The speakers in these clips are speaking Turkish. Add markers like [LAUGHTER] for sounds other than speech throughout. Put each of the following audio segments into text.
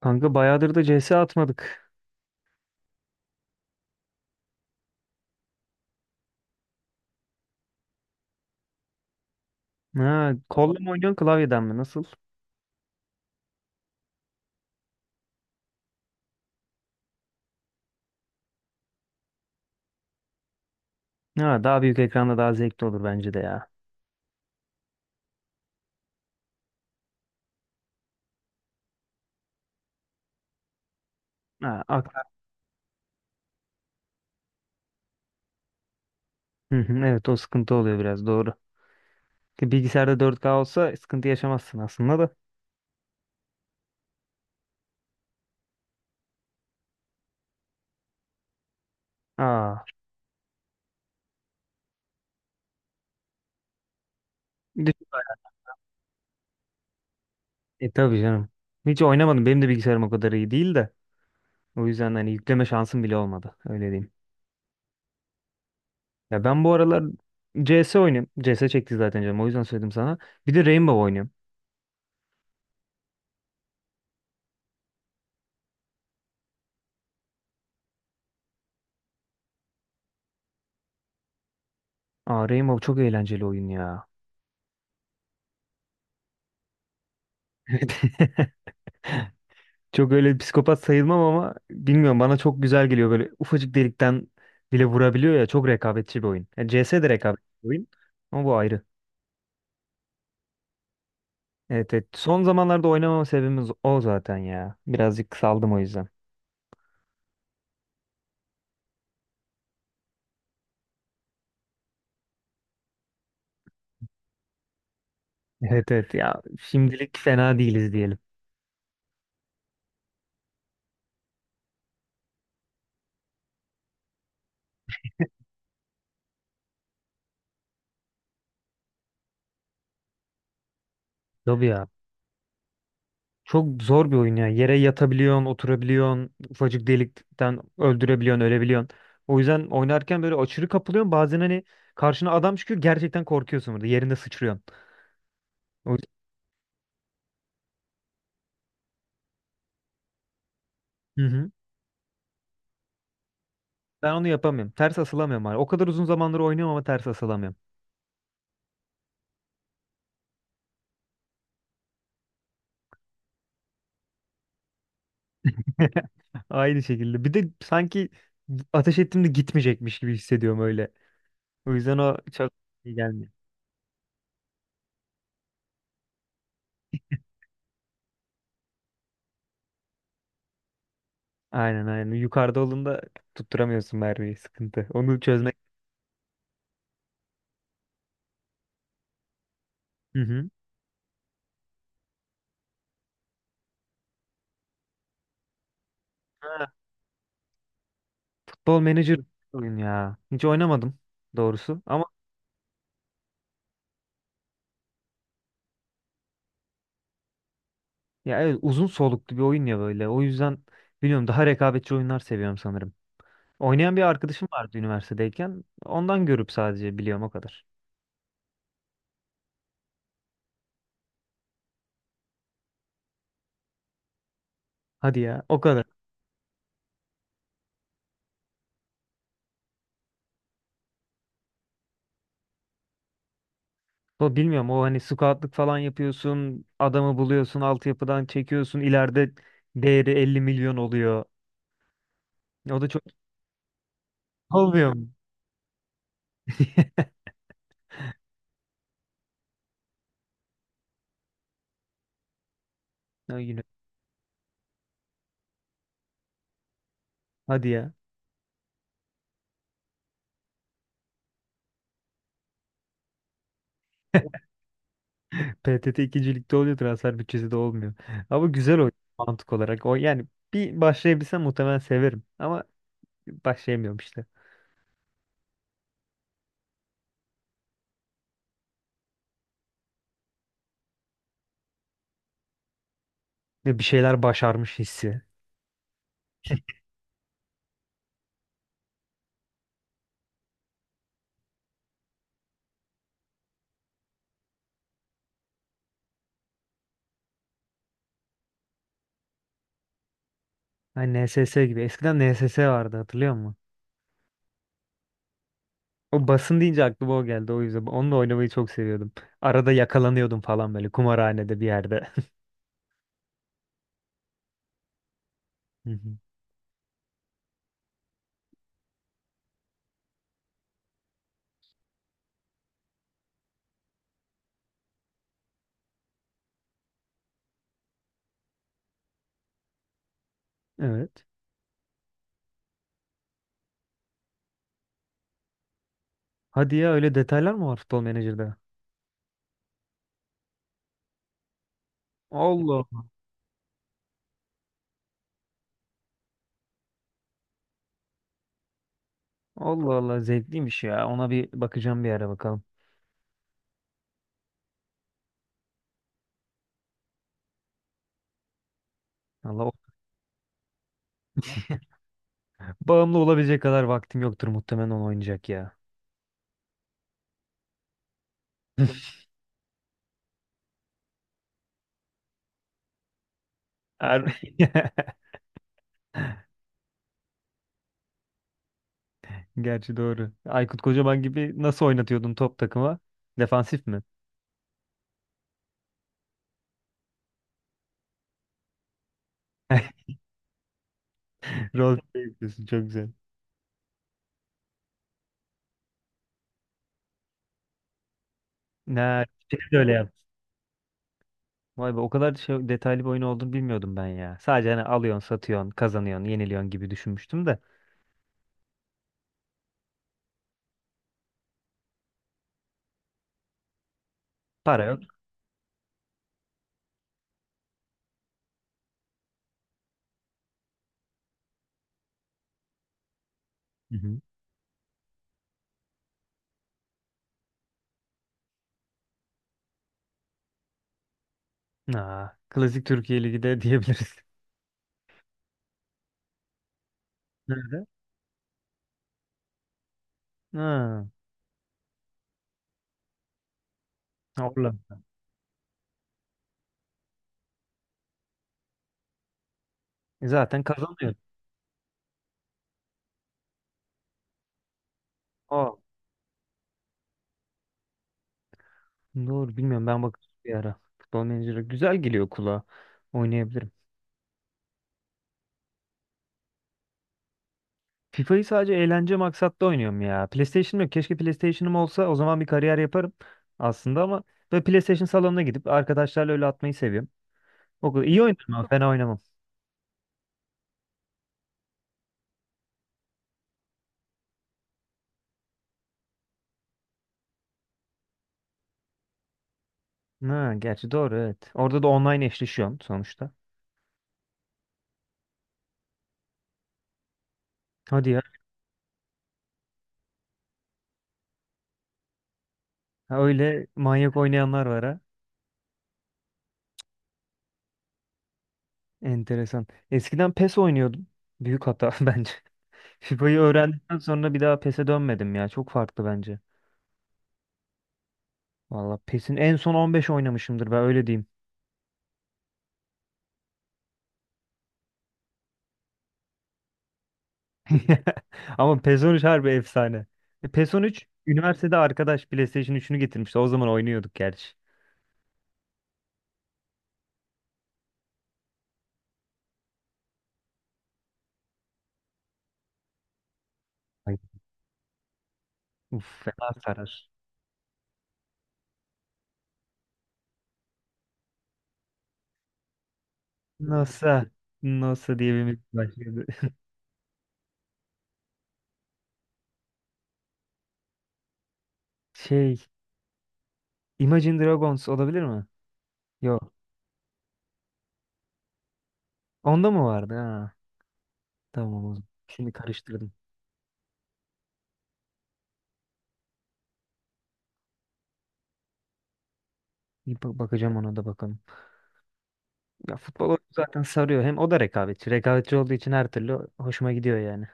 Kanka bayağıdır da CS atmadık. Ha, kolla mı oynuyorsun klavyeden mi? Nasıl? Ha, daha büyük ekranda daha zevkli olur bence de ya. Ha, ak- Hı hı, evet o sıkıntı oluyor biraz doğru. Ki bilgisayarda 4K olsa sıkıntı yaşamazsın aslında da. Aa, düşün bayağı. E tabii canım. Hiç oynamadım. Benim de bilgisayarım o kadar iyi değil de. O yüzden hani yükleme şansım bile olmadı, öyle diyeyim. Ya ben bu aralar CS oynuyorum. CS çekti zaten canım, o yüzden söyledim sana. Bir de Rainbow oynuyorum. Aa, Rainbow çok eğlenceli oyun ya. [LAUGHS] Evet. [LAUGHS] Çok öyle bir psikopat sayılmam ama bilmiyorum, bana çok güzel geliyor, böyle ufacık delikten bile vurabiliyor ya. Çok rekabetçi bir oyun. Yani CS de rekabetçi bir oyun ama bu ayrı. Evet, evet. Son zamanlarda oynamama sebebimiz o zaten ya. Birazcık saldım o yüzden. Evet evet ya, şimdilik fena değiliz diyelim. Tabii ya. Çok zor bir oyun ya. Yere yatabiliyorsun, oturabiliyorsun, ufacık delikten öldürebiliyorsun, ölebiliyorsun. O yüzden oynarken böyle aşırı kapılıyorsun. Bazen hani karşına adam çıkıyor, gerçekten korkuyorsun burada. Yerinde sıçrıyorsun. O yüzden. Hı hı. Ben onu yapamıyorum. Ters asılamıyorum abi. O kadar uzun zamandır oynuyorum ama ters asılamıyorum. [LAUGHS] Aynı şekilde. Bir de sanki ateş ettiğimde gitmeyecekmiş gibi hissediyorum öyle. O yüzden o çok iyi gelmiyor. Aynen aynen. Yukarıda olduğunda tutturamıyorsun mermiyi. Sıkıntı. Onu çözmek. Hı hı. Ha, Futbol Manager oyun ya. Hiç oynamadım doğrusu. Ama ya evet, uzun soluklu bir oyun ya böyle. O yüzden bilmiyorum, daha rekabetçi oyunlar seviyorum sanırım. Oynayan bir arkadaşım vardı üniversitedeyken. Ondan görüp sadece biliyorum, o kadar. Hadi ya, o kadar. O bilmiyorum, o hani scoutlık falan yapıyorsun, adamı buluyorsun, altyapıdan çekiyorsun, ileride değeri 50 milyon oluyor. O da çok olmuyor mu? [LAUGHS] Ya yine. Hadi ya. [LAUGHS] PTT ikincilikte oluyor, transfer bütçesi de olmuyor. Ama güzel oyun mantık olarak. O yani bir başlayabilsem muhtemelen severim. Ama başlayamıyorum işte. Ve bir şeyler başarmış hissi. Hani NSS gibi. Eskiden NSS vardı, hatırlıyor musun? O, basın deyince aklıma o geldi, o yüzden. Onunla oynamayı çok seviyordum. Arada yakalanıyordum falan böyle, kumarhanede bir yerde. [LAUGHS] Hı hı. Evet. Hadi ya, öyle detaylar mı var Futbol Manager'da? Allah Allah. Allah Allah, zevkliymiş ya. Ona bir bakacağım bir ara, bakalım. Allah o- bağımlı olabilecek kadar vaktim yoktur muhtemelen onu oynayacak ya. [LAUGHS] Er- [LAUGHS] Gerçi doğru. Aykut Kocaman gibi nasıl oynatıyordun top takıma? Defansif mi? [LAUGHS] Rol play yapıyorsun, çok güzel. Ne, şey de öyle Vay be, o kadar şey, detaylı bir oyun olduğunu bilmiyordum ben ya. Sadece hani alıyorsun, satıyorsun, kazanıyorsun, yeniliyorsun gibi düşünmüştüm de. Para yok. Hı hı. Aa, klasik Türkiye Ligi de [LAUGHS] diyebiliriz. Nerede? Ha, Orlan'da. E zaten kazanıyor. [LAUGHS] Aa, doğru bilmiyorum, ben bakacağım bir ara. Futbol menajeri güzel geliyor kulağa. Oynayabilirim. FIFA'yı sadece eğlence maksatlı oynuyorum ya. PlayStation'ım yok. Keşke PlayStation'ım olsa, o zaman bir kariyer yaparım aslında, ama böyle PlayStation salonuna gidip arkadaşlarla öyle atmayı seviyorum. O kadar iyi oynarım ama fena oynamam. Ha, gerçi doğru, evet. Orada da online eşleşiyorsun sonuçta. Hadi ya. Ha, öyle manyak oynayanlar var ha. Enteresan. Eskiden PES oynuyordum. Büyük hata [LAUGHS] bence. FIFA'yı öğrendikten sonra bir daha PES'e dönmedim ya. Çok farklı bence. Valla PES'in en son 15 oynamışımdır ben, öyle diyeyim. [LAUGHS] Ama PES 13 harbi efsane. E, PES 13, üniversitede arkadaş PlayStation üçünü getirmişti. O zaman oynuyorduk gerçi. Ay. Uf, fena sarar. Nasıl? Nasıl diye bir müzik başladı. [LAUGHS] Şey, Imagine Dragons olabilir mi? Yok. Onda mı vardı? Ha, tamam o zaman. Şimdi karıştırdım. Bir bakacağım ona da, bakalım. Ya futbol oyunu zaten sarıyor. Hem o da rekabetçi. Rekabetçi olduğu için her türlü hoşuma gidiyor yani.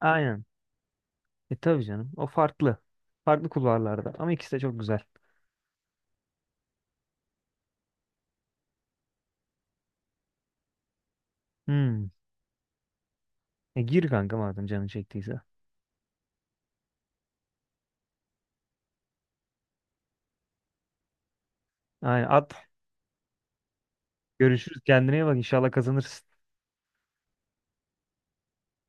Aynen. E tabii canım. O farklı. Farklı kulvarlarda. Ama ikisi de çok güzel. Hmm. E gir kanka, madem canın çektiyse. Aynen at. Görüşürüz. Kendine iyi bak. İnşallah kazanırsın.